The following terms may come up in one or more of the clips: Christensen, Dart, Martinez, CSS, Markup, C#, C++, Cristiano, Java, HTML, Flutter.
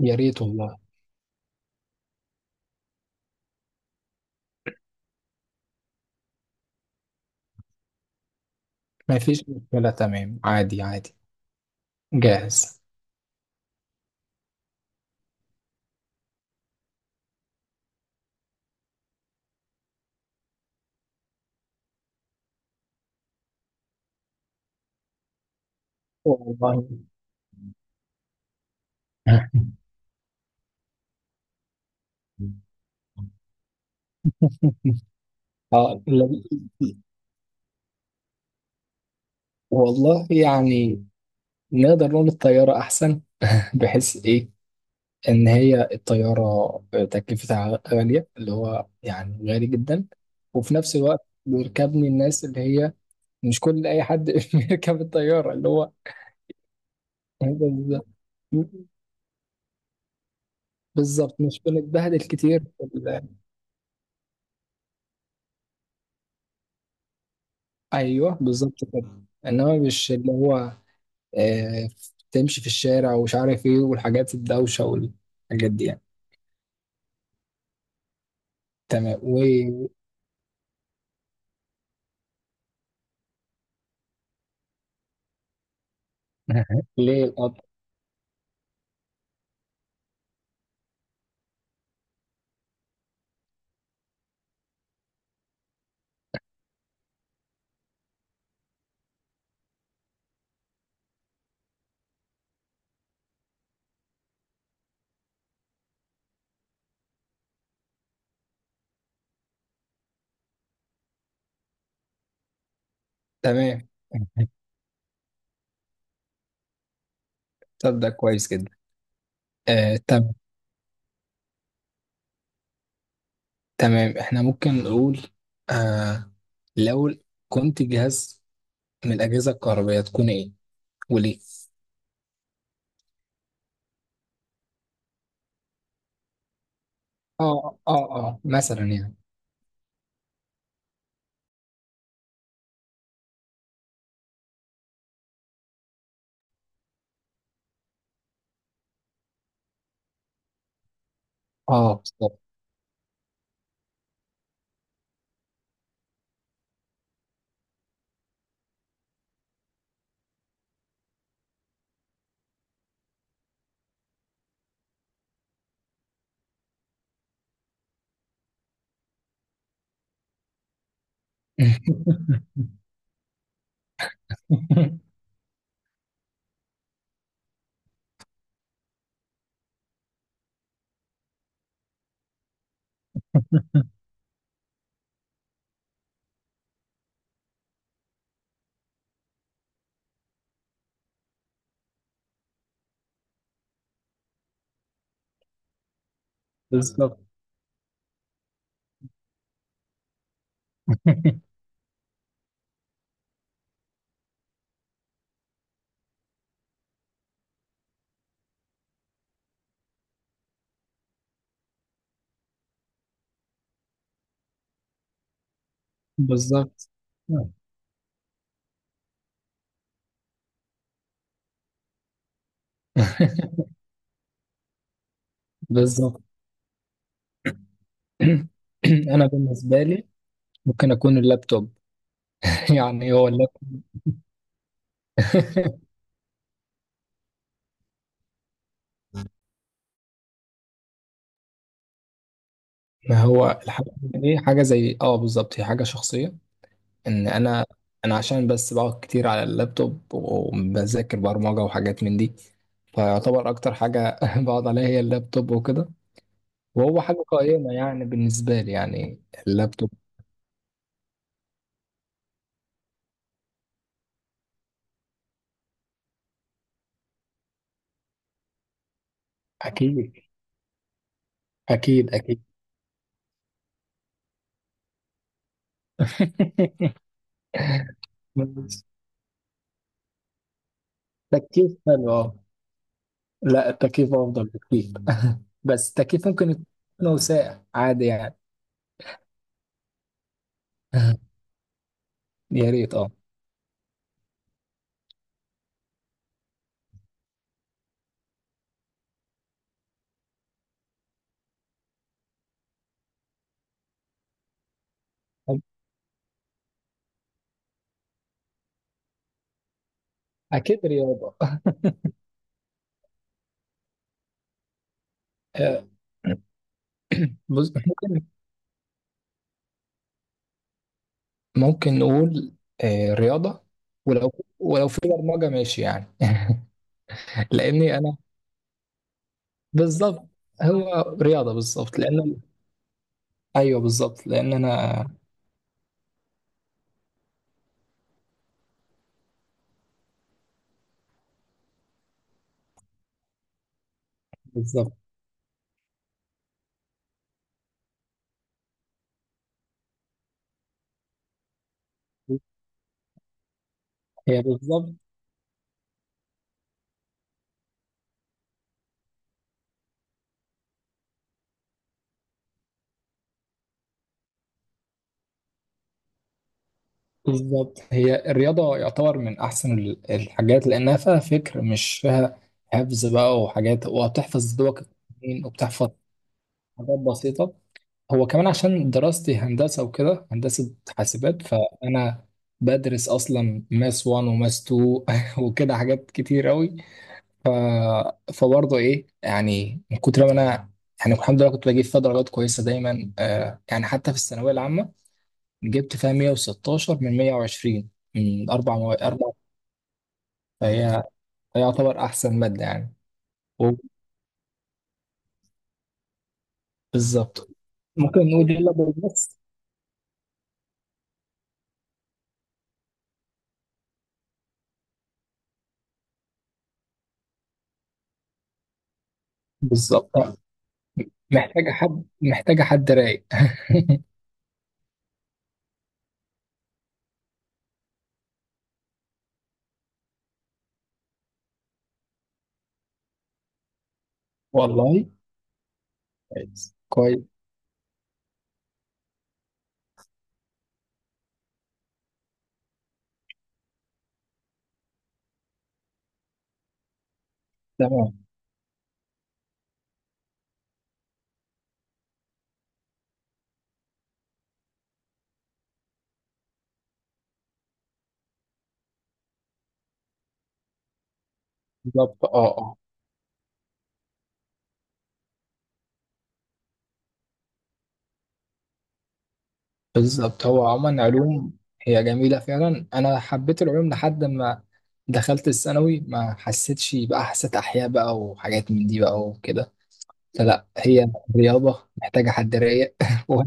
يا ريت والله. ما فيش مشكلة، تمام، عادي عادي. جاهز. والله اه لا- والله يعني نقدر نقول الطيارة أحسن، بحيث إيه؟ إن هي الطيارة تكلفتها غالية، اللي هو يعني غالي جدا. وفي نفس الوقت بيركبني الناس اللي هي مش كل أي حد بيركب الطيارة، اللي هو بالظبط. مش بنتبهدل كتير في أيوه، بالظبط كده، إنما مش اللي هو. آه، تمشي في الشارع ومش عارف ايه، والحاجات الدوشة والحاجات دي يعني. تمام، وليه. القطر تمام، طب ده كويس جدا. آه، تمام تمام. احنا ممكن نقول، آه لو كنت جهاز من الأجهزة الكهربائية تكون ايه وليه؟ اه اه اه، مثلا يعني، اه بالظبط بالظبط بالظبط بالظبط. انا بالنسبه لي ممكن اكون اللابتوب يعني هو اللاب ما هو الحاجة دي حاجة زي، بالظبط، هي حاجة شخصية. ان انا عشان بس بقعد كتير على اللابتوب وبذاكر برمجة وحاجات من دي، فيعتبر اكتر حاجة بقعد عليها هي اللابتوب وكده. وهو حاجة قائمة يعني بالنسبة لي، يعني اللابتوب. اكيد اكيد اكيد بس تكييف حلو اه. لا، التكييف افضل بكتير بس التكييف ممكن يكون ساقع عادي يعني يا ريت اه. أكيد رياضة آه. بص ممكن نقول، رياضة. ولو ولو في برمجة ماشي يعني لأني أنا بالظبط، هو رياضة بالظبط لأن، أيوه بالظبط لأن أنا بالظبط. هي بالظبط بالظبط. هي الرياضة يعتبر من أحسن الحاجات، لأنها فيها فكر، مش فيها حفظ بقى وحاجات. وبتحفظ دوك التمرين، وبتحفظ حاجات بسيطة. هو كمان عشان دراستي هندسة وكده، هندسة حاسبات، فأنا بدرس أصلا ماس 1 وماس 2 وكده حاجات كتير أوي. ف... فبرضه إيه يعني، من كتر ما أنا يعني الحمد لله كنت بجيب فيها درجات كويسة دايما، آه، يعني حتى في الثانوية العامة جبت فيها 116 من 120 من أربع مواد أربع. فهي يعتبر أحسن مادة يعني. و- بالظبط. ممكن نقول يلا بس. بالظبط محتاجة حد رايق والله، كويس كويس، تمام بالظبط. اه اه. بالظبط هو عموما علوم. هي جميلة فعلا، أنا حبيت العلوم لحد ما دخلت الثانوي، ما حسيتش بقى، حسيت أحياء بقى وحاجات من دي بقى وكده. فلا، هي رياضة محتاجة حد رايق و-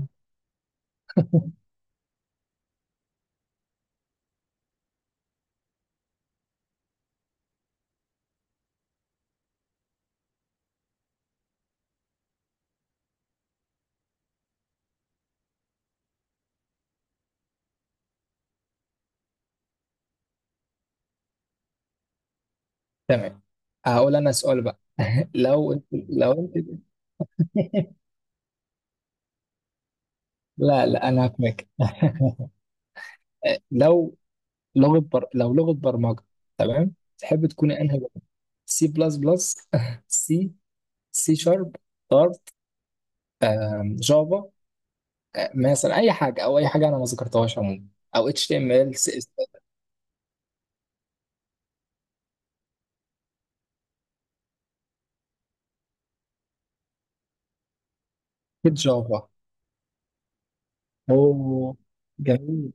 تمام. هقول أنا سؤال بقى لو أنت لا لا، أنا هفهمك لو لو لغة برمجة، تمام، تحب تكوني أنهي لغة؟ C++، سي C#، دارت، جافا، آه، مثلا اي حاجه او اي حاجه انا ما ذكرتهاش عموما. او HTML، CSS. اكيد جافا. اوه، جميل،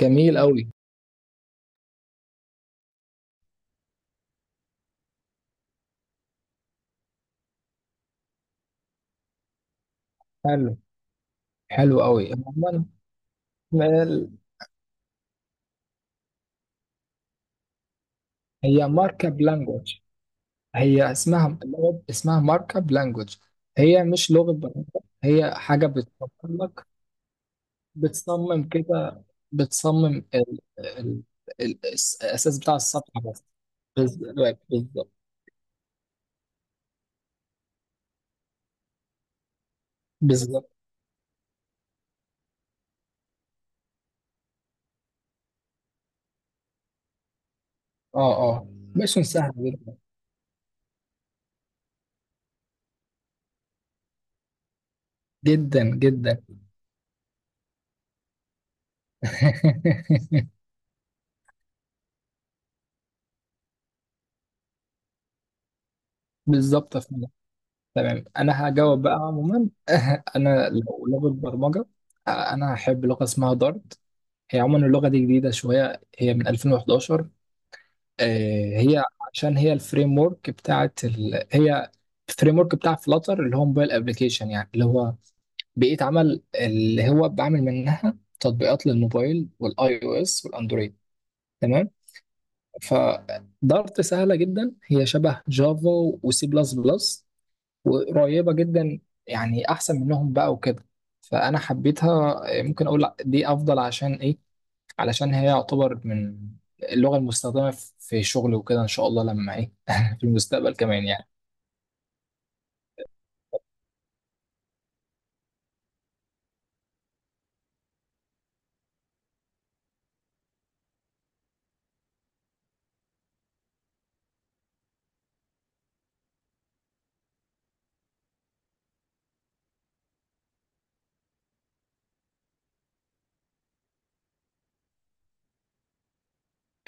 جميل قوي. حلو، حلو قوي عموما. ال- هي ماركب لانجوج. هي اسمها اللغة، اسمها ماركب لانجوج، هي مش لغة برمجة. هي حاجة بتصمم لك، بتصمم كده، بتصمم ال ال ال الأساس بتاع الصفحة بس. بز- بالظبط بالظبط. اه اه، ميشن سهل جدا جدا جدا بالظبط يا فندم. تمام، انا هجاوب بقى عموما انا لو لغه برمجه، آه، انا هحب لغه اسمها دارت. هي عموما اللغه دي جديده شويه، هي من 2011. آه، هي عشان هي الفريم ورك بتاعت هي الفريم ورك بتاع فلاتر، اللي هو موبايل ابلكيشن يعني، اللي هو بيئه عمل، اللي هو بعمل منها تطبيقات للموبايل والاي او اس والاندرويد. تمام. فدارت سهلة جدا، هي شبه جافا وسي بلس بلس، وقريبة جدا، يعني أحسن منهم بقى وكده. فأنا حبيتها. ممكن أقول لأ، دي أفضل، عشان إيه؟ علشان هي يعتبر من اللغة المستخدمة في شغلي وكده، إن شاء الله لما إيه في المستقبل كمان يعني.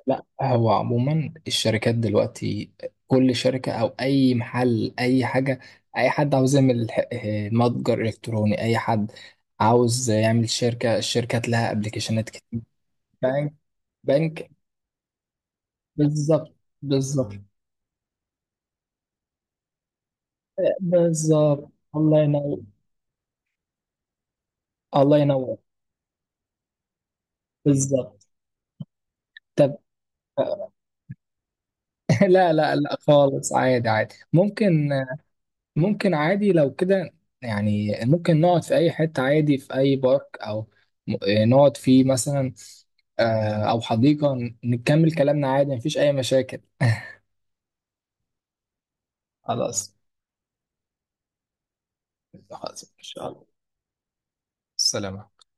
لا، هو عموما الشركات دلوقتي كل شركة أو أي محل، أي حاجة. أي حد عاوز يعمل متجر إلكتروني. أي حد عاوز يعمل شركة، الشركات لها أبليكيشنات كتير. بنك، بنك، بالظبط بالظبط. آه، بالظبط، الله ينور، الله ينور، بالظبط. طب لا لا لا، خالص عادي عادي ممكن عادي لو كده، يعني ممكن نقعد في أي حتة عادي، في أي بارك أو نقعد فيه مثلا، آه، أو حديقة. نكمل كلامنا عادي، مفيش أي مشاكل. خلاص. خلاص ان شاء الله، السلام عليكم.